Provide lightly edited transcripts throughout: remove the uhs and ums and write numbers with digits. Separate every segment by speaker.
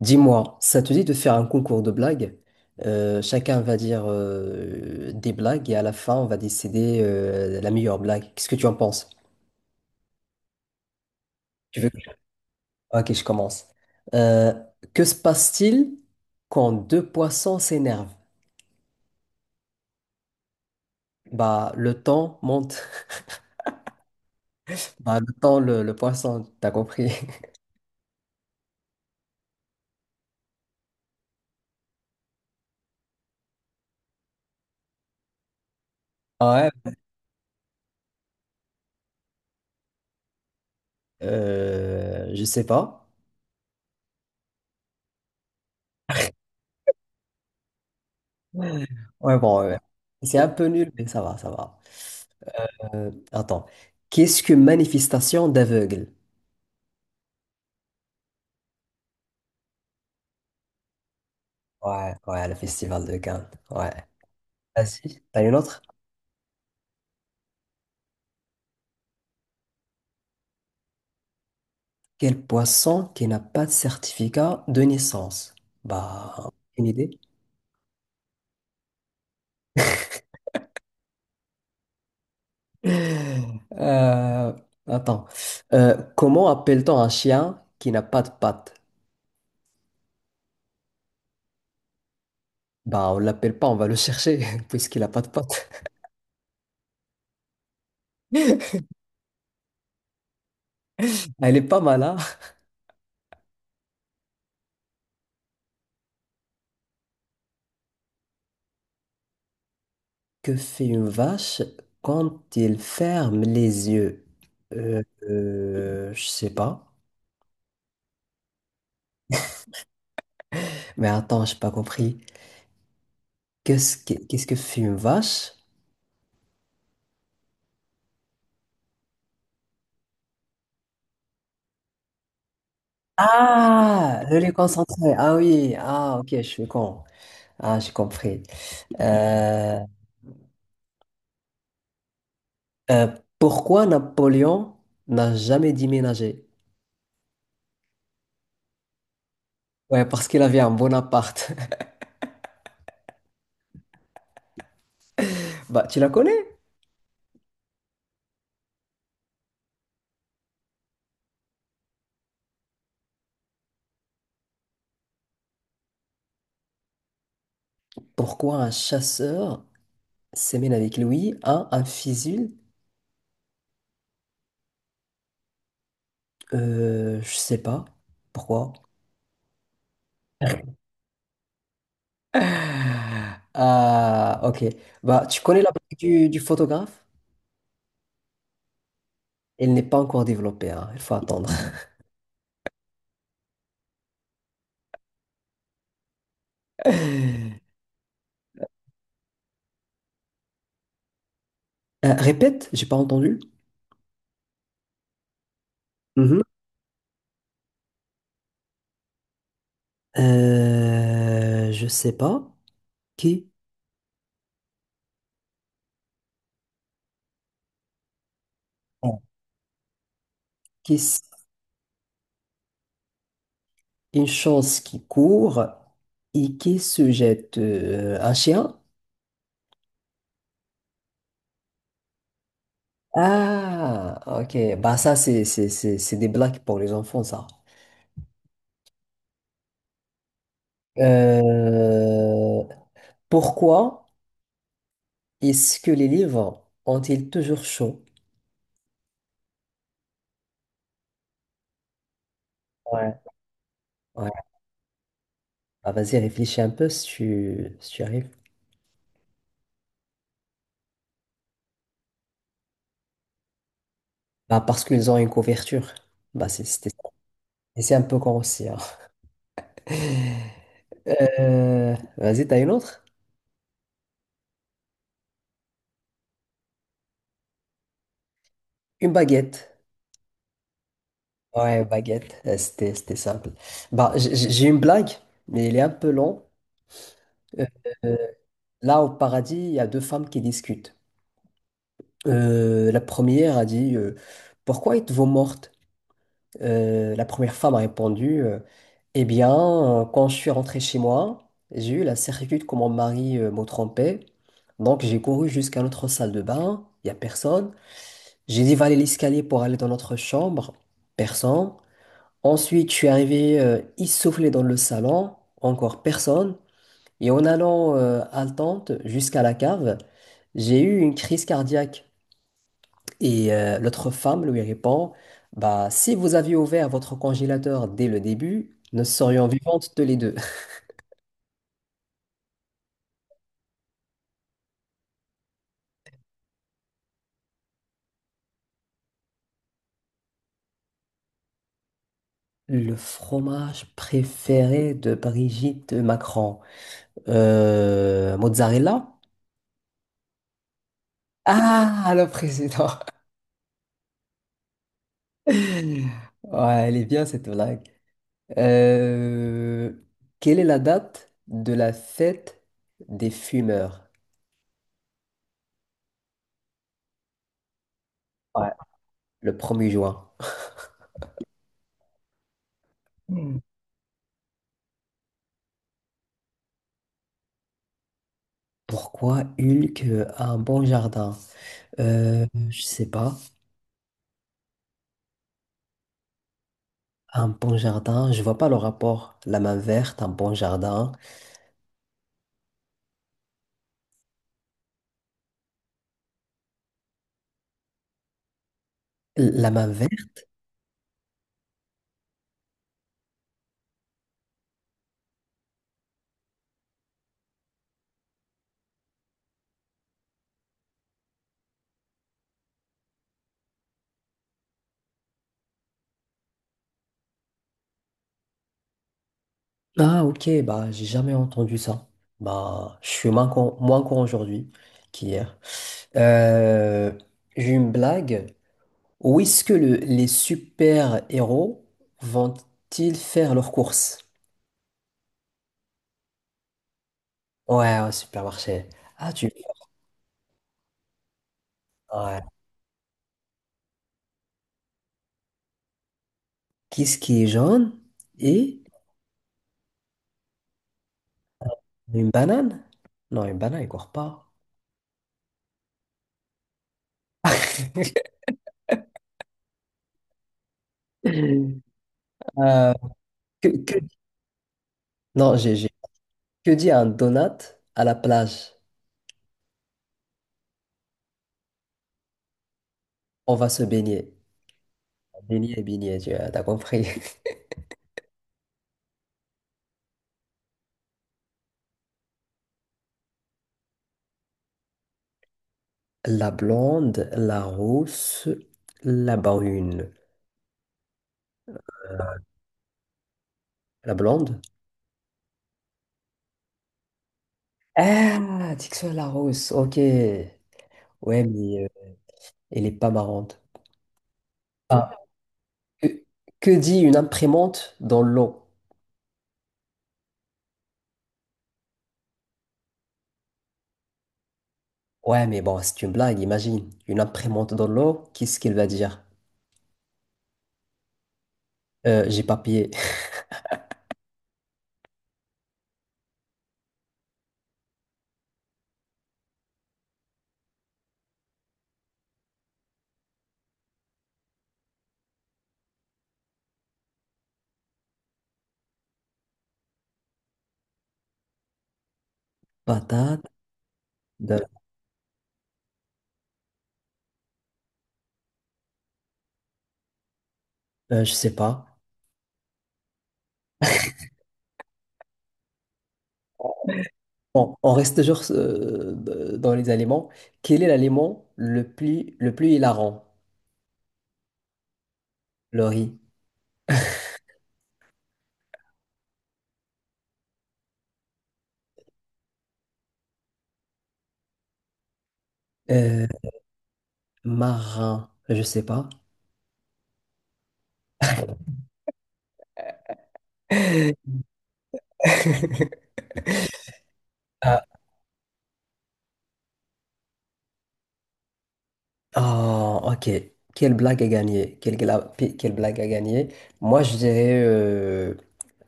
Speaker 1: Dis-moi, ça te dit de faire un concours de blagues? Chacun va dire des blagues et à la fin, on va décider la meilleure blague. Qu'est-ce que tu en penses? Tu veux... Ok, je commence. Euh, que se passe-t-il quand deux poissons s'énervent? Bah, le temps monte. Bah, le temps, le poisson, t'as compris? Ouais. Je sais pas. Ouais, ouais, bon, ouais, ouais. C'est un peu nul, mais ça va, ça va. Attends. Qu'est-ce que manifestation d'aveugle? Ouais, ouais, le festival de Cannes. Ouais. Vas-y. T'as une autre? Quel poisson qui n'a pas de certificat de naissance? Bah, une idée? Euh, Attends. Comment appelle-t-on un chien qui n'a pas de pattes? Bah, on l'appelle pas, on va le chercher, puisqu'il n'a pas de pattes. Elle est pas mal, hein? Que fait une vache quand elle ferme les yeux? Je sais pas. Mais attends, j'ai pas compris. Qu'est-ce que fait une vache. Ah, le lait concentré. Ah oui, ah ok, je suis con. Ah, j'ai compris. Euh, euh, Pourquoi Napoléon n'a jamais déménagé? Ouais, parce qu'il avait un bon appart. Bah, tu la connais? Pourquoi un chasseur s'emmène avec lui à un fusil? Je sais pas. Pourquoi? Ah, ok. Bah, tu connais la blague du photographe? Elle n'est pas encore développée, hein. Il faut attendre. Répète, j'ai pas entendu. Mhm. Je sais pas. Qui, bon, qui, s- une chose qui court et qui se jette un chien? Ah, ok. Bah ça, c'est des blagues pour les enfants, ça. Euh, Pourquoi est-ce que les livres ont-ils toujours chaud? Ouais. Ouais. Bah, vas-y, réfléchis un peu si tu arrives. Bah, parce qu'ils ont une couverture. Bah, ça. Et c'est un peu con aussi, hein. Vas-y, t'as une autre? Une baguette. Ouais, baguette. C'était simple. Bah, j'ai une blague, mais elle est un peu longue. Euh, euh, Là, au paradis, il y a deux femmes qui discutent. La première a dit pourquoi êtes-vous morte? La première femme a répondu, eh bien, quand je suis rentrée chez moi, j'ai eu la certitude que mon mari me trompait. Donc, j'ai couru jusqu'à notre salle de bain. Il n'y a personne. J'ai dévalé l'escalier pour aller dans notre chambre. Personne. Ensuite, je suis arrivé essoufflé dans le salon, encore personne. Et en allant haletante jusqu'à la cave, j'ai eu une crise cardiaque. Et l'autre femme lui répond, bah, si vous aviez ouvert votre congélateur dès le début, nous serions vivantes tous les deux. Le fromage préféré de Brigitte Macron. Mozzarella? Ah, le président. Ouais, elle est bien cette blague. Euh, Quelle est la date de la fête des fumeurs? Ouais. Le premier juin. Hmm. Pourquoi Hulk a un bon jardin? Je sais pas. Un bon jardin, je vois pas le rapport. La main verte, un bon jardin. La main verte? Ah, ok, bah, j'ai jamais entendu ça. Bah, je suis moins con aujourd'hui qu'hier. Euh, j'ai une blague. Où est-ce que les super-héros vont-ils faire leurs courses? Ouais, au supermarché. Ah, tu... Ouais. Qu'est-ce qui est jaune et une banane? Non, une banane, il court pas. Euh, que, que- Non, que dit un donut à la plage? On va se baigner. Baigner, baigner, tu as t'as compris. La blonde, la rousse, la brune. La blonde? Ah, Dixon la rousse, ok. Ouais, mais elle est pas marrante. Ah, que, que dit une imprimante dans l'eau? Ouais, mais bon, c'est une blague, imagine. Une imprimante dans l'eau, qu'est-ce qu'elle va dire? J'ai papier, patate, de- je sais pas. Bon, on reste toujours dans les aliments. Quel est l'aliment le plus hilarant? Le riz. Euh, Marin, je sais pas. Ah, ok. Quelle blague a gagné? Quelle blague a gagné? Moi, je dirais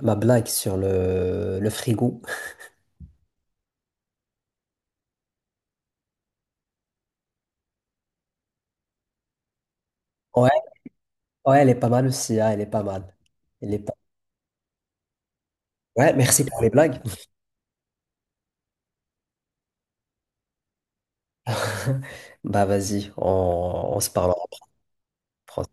Speaker 1: ma blague sur le frigo. Ouais, ouais, elle est pas mal aussi, hein, elle est pas mal. Elle est pas... Ouais, merci pour les blagues. Bah vas-y, on se parle après.